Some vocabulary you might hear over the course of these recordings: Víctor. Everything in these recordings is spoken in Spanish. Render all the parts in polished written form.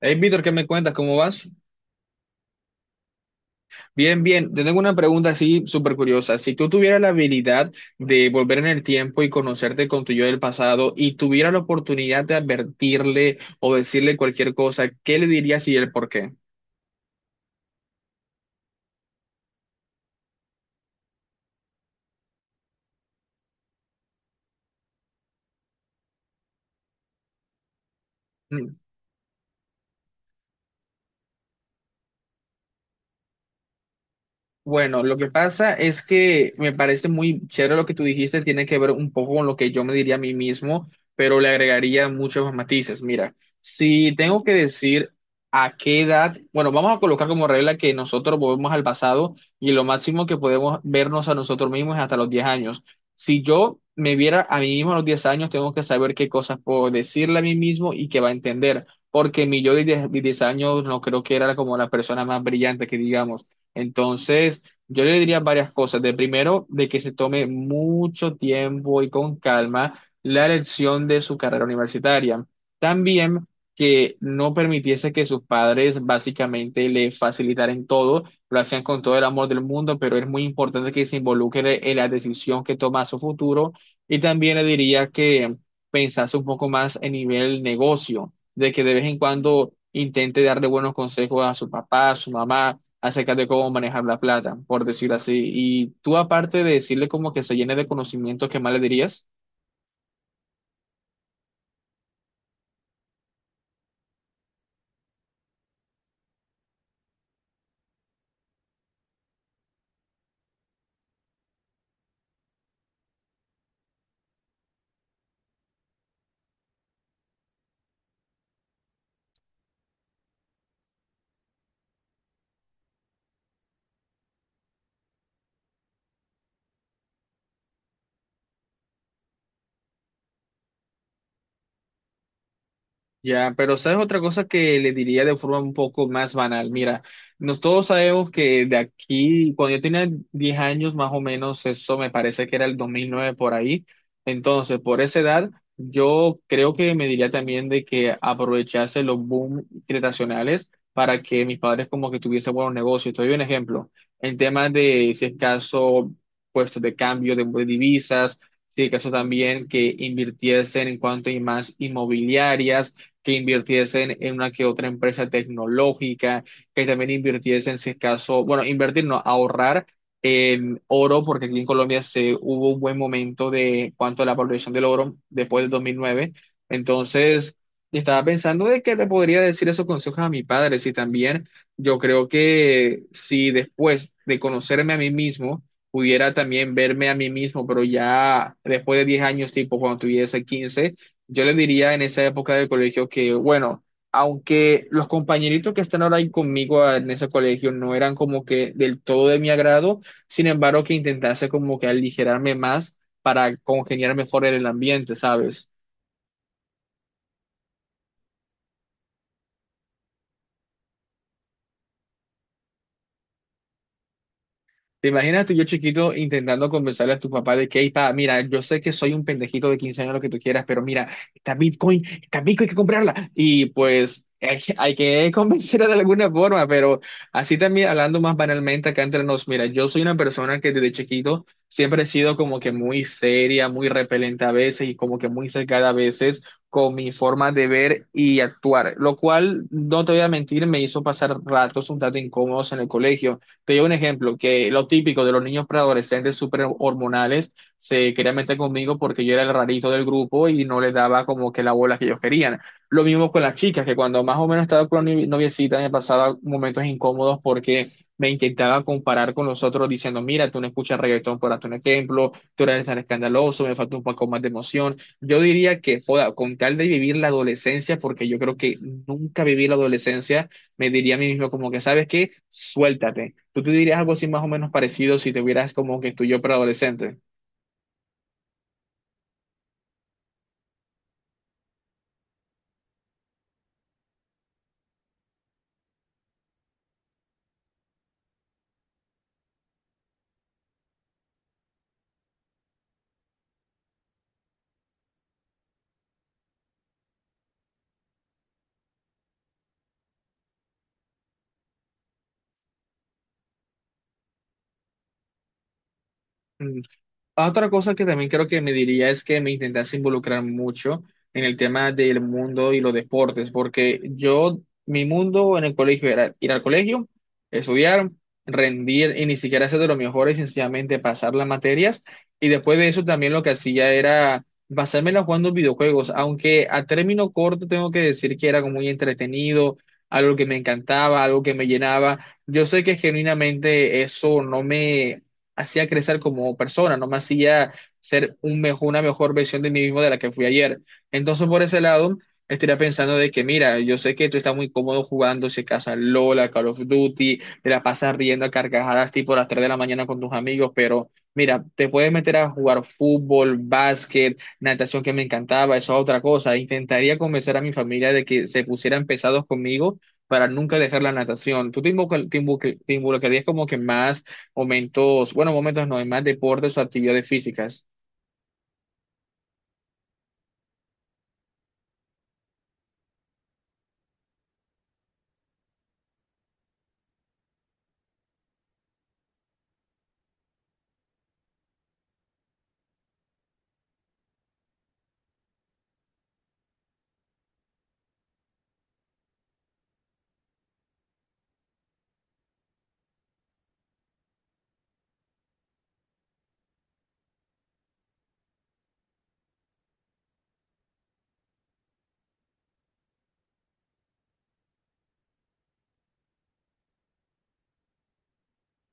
Hey, Víctor, ¿qué me cuentas? ¿Cómo vas? Bien, bien. Te tengo una pregunta así súper curiosa. Si tú tuvieras la habilidad de volver en el tiempo y conocerte con tu yo del pasado y tuvieras la oportunidad de advertirle o decirle cualquier cosa, ¿qué le dirías y el por qué? Bueno, lo que pasa es que me parece muy chévere lo que tú dijiste, tiene que ver un poco con lo que yo me diría a mí mismo, pero le agregaría muchos más matices. Mira, si tengo que decir a qué edad, bueno, vamos a colocar como regla que nosotros volvemos al pasado y lo máximo que podemos vernos a nosotros mismos es hasta los 10 años. Si yo me viera a mí mismo a los 10 años, tengo que saber qué cosas puedo decirle a mí mismo y que va a entender, porque mi yo de 10 años no creo que era como la persona más brillante que digamos entonces, yo le diría varias cosas. De primero, de que se tome mucho tiempo y con calma la elección de su carrera universitaria. También que no permitiese que sus padres básicamente le facilitaran todo, lo hacían con todo el amor del mundo, pero es muy importante que se involucre en la decisión que toma a su futuro. Y también le diría que pensase un poco más en nivel negocio, de que de vez en cuando intente darle buenos consejos a su papá, a su mamá acerca de cómo manejar la plata, por decirlo así. Y tú, aparte de decirle como que se llene de conocimientos, ¿qué más le dirías? Ya, pero ¿sabes otra cosa que le diría de forma un poco más banal? Mira, nos todos sabemos que de aquí, cuando yo tenía 10 años más o menos, eso me parece que era el 2009 por ahí. Entonces, por esa edad, yo creo que me diría también de que aprovechase los boom generacionales para que mis padres como que tuviesen buenos negocios. Te doy un ejemplo. En temas de, si es caso, puestos de cambio de divisas, si es caso también que invirtiesen en cuanto a más inmobiliarias que invirtiesen en una que otra empresa tecnológica, que también invirtiesen, si es caso, bueno, invertir, no, ahorrar en oro, porque aquí en Colombia se hubo un buen momento de cuanto a la valoración del oro después del 2009. Entonces, estaba pensando de que le podría decir esos consejos a mi padre, si también yo creo que si después de conocerme a mí mismo, pudiera también verme a mí mismo, pero ya después de 10 años, tipo cuando tuviese quince, yo le diría en esa época del colegio que, bueno, aunque los compañeritos que están ahora ahí conmigo ah, en ese colegio no eran como que del todo de mi agrado, sin embargo que intentase como que aligerarme más para congeniar mejor en el ambiente, ¿sabes? ¿Te imaginas tú, yo chiquito, intentando convencerle a tu papá de que, "Ey, pa, mira, yo sé que soy un pendejito de 15 años, lo que tú quieras, pero mira, está Bitcoin, hay que comprarla"? Y pues hay que convencerla de alguna forma, pero así también, hablando más banalmente acá entre nos, mira, yo soy una persona que desde chiquito siempre he sido como que muy seria, muy repelente a veces y como que muy cercada a veces con mi forma de ver y actuar, lo cual, no te voy a mentir, me hizo pasar ratos un tanto incómodos en el colegio. Te doy un ejemplo, que lo típico de los niños preadolescentes súper hormonales se querían meter conmigo porque yo era el rarito del grupo y no les daba como que la bola que ellos querían. Lo mismo con las chicas, que cuando más o menos estaba con la noviecita me pasaba momentos incómodos porque me intentaba comparar con los otros diciendo, mira, tú no escuchas reggaetón, por darte un ejemplo, tú eres tan escandaloso, me falta un poco más de emoción. Yo diría que, joda, con tal de vivir la adolescencia, porque yo creo que nunca viví la adolescencia, me diría a mí mismo como que, ¿sabes qué? Suéltate. ¿Tú te dirías algo así más o menos parecido si te hubieras como que tu yo preadolescente? Ah, otra cosa que también creo que me diría es que me intentase involucrar mucho en el tema del mundo y los deportes, porque yo, mi mundo en el colegio era ir al colegio, estudiar, rendir y ni siquiera ser de los mejores, sencillamente pasar las materias. Y después de eso también lo que hacía era basármela jugando videojuegos, aunque a término corto tengo que decir que era como muy entretenido, algo que me encantaba, algo que me llenaba. Yo sé que genuinamente eso no me hacía crecer como persona, no me hacía ser un mejor, una mejor versión de mí mismo de la que fui ayer. Entonces, por ese lado, estaría pensando de que, mira, yo sé que tú estás muy cómodo jugando, si acaso al LOL, al Call of Duty, te la pasas riendo a carcajadas tipo a las 3 de la mañana con tus amigos, pero mira, te puedes meter a jugar fútbol, básquet, natación que me encantaba, eso es otra cosa. Intentaría convencer a mi familia de que se pusieran pesados conmigo para nunca dejar la natación. ¿Tú te involucrarías como que más momentos, bueno, momentos no, en más deportes o actividades físicas?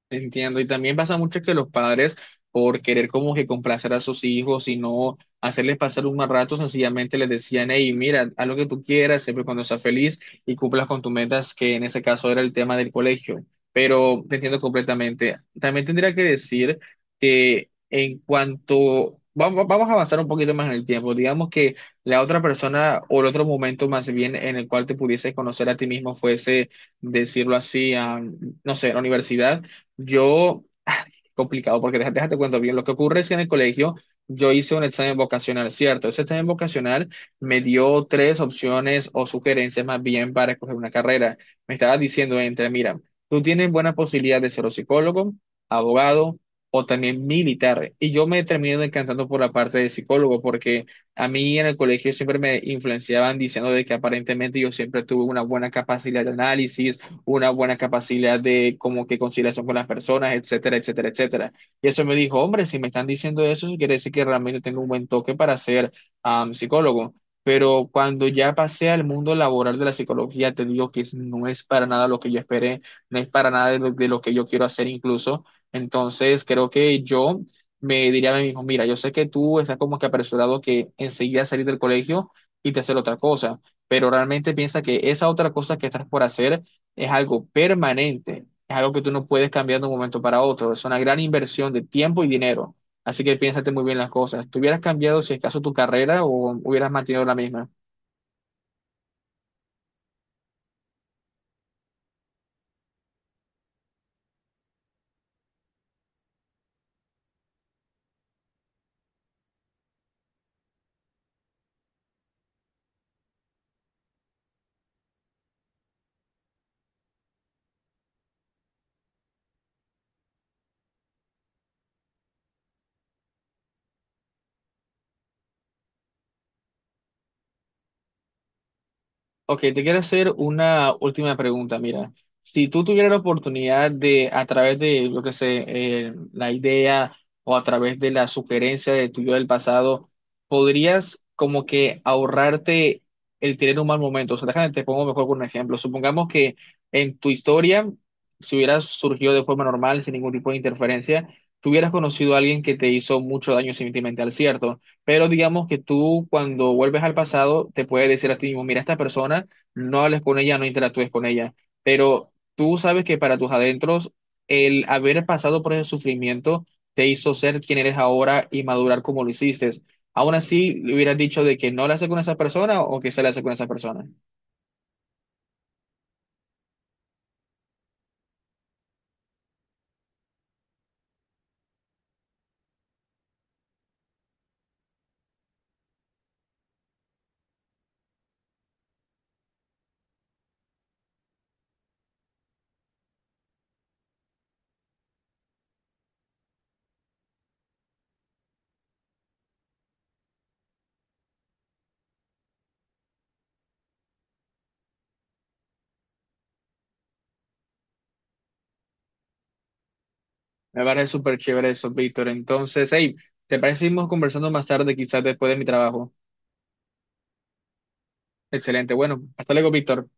Entiendo, y también pasa mucho que los padres, por querer como que complacer a sus hijos y no hacerles pasar un mal rato, sencillamente les decían, hey, mira, haz lo que tú quieras, siempre cuando seas feliz y cumplas con tus metas, que en ese caso era el tema del colegio. Pero te entiendo completamente. También tendría que decir que en cuanto, vamos, vamos a avanzar un poquito más en el tiempo, digamos que la otra persona o el otro momento más bien en el cual te pudieses conocer a ti mismo fuese, decirlo así, a, no sé, la universidad, yo, ah, complicado, porque déjate cuento bien. Lo que ocurre es que en el colegio yo hice un examen vocacional, ¿cierto? Ese examen vocacional me dio tres opciones o sugerencias más bien para escoger una carrera. Me estaba diciendo entre, mira, tú tienes buena posibilidad de ser o psicólogo, abogado o también militar. Y yo me terminé decantando por la parte de psicólogo, porque a mí en el colegio siempre me influenciaban diciendo de que aparentemente yo siempre tuve una buena capacidad de análisis, una buena capacidad de como que conciliación con las personas, etcétera, etcétera, etcétera. Y eso me dijo, hombre, si me están diciendo eso, quiere decir que realmente tengo un buen toque para ser psicólogo. Pero cuando ya pasé al mundo laboral de la psicología, te digo que es- no es para nada lo que yo esperé, no es para nada de lo que yo quiero hacer incluso. Entonces, creo que yo me diría a mí mismo, mira, yo sé que tú estás como que apresurado que enseguida salir del colegio y te hacer otra cosa, pero realmente piensa que esa otra cosa que estás por hacer es algo permanente, es algo que tú no puedes cambiar de un momento para otro, es una gran inversión de tiempo y dinero, así que piénsate muy bien las cosas. ¿Tú hubieras cambiado si acaso tu carrera o hubieras mantenido la misma? Ok, te quiero hacer una última pregunta. Mira, si tú tuvieras la oportunidad de, a través de, lo que sé, la idea o a través de la sugerencia de tuyo del pasado, podrías como que ahorrarte el tener un mal momento. O sea, déjame, te pongo mejor con un ejemplo. Supongamos que en tu historia, si hubieras surgido de forma normal, sin ningún tipo de interferencia, tuvieras conocido a alguien que te hizo mucho daño sentimental, ¿cierto? Pero digamos que tú cuando vuelves al pasado te puedes decir a ti mismo, mira, esta persona, no hables con ella, no interactúes con ella. Pero tú sabes que para tus adentros, el haber pasado por ese sufrimiento te hizo ser quien eres ahora y madurar como lo hiciste. Aún así, ¿le hubieras dicho de que no la hace con esa persona o que se la hace con esa persona? Me parece súper chévere eso, Víctor. Entonces, hey, ¿te parece que seguimos conversando más tarde, quizás después de mi trabajo? Excelente. Bueno, hasta luego, Víctor.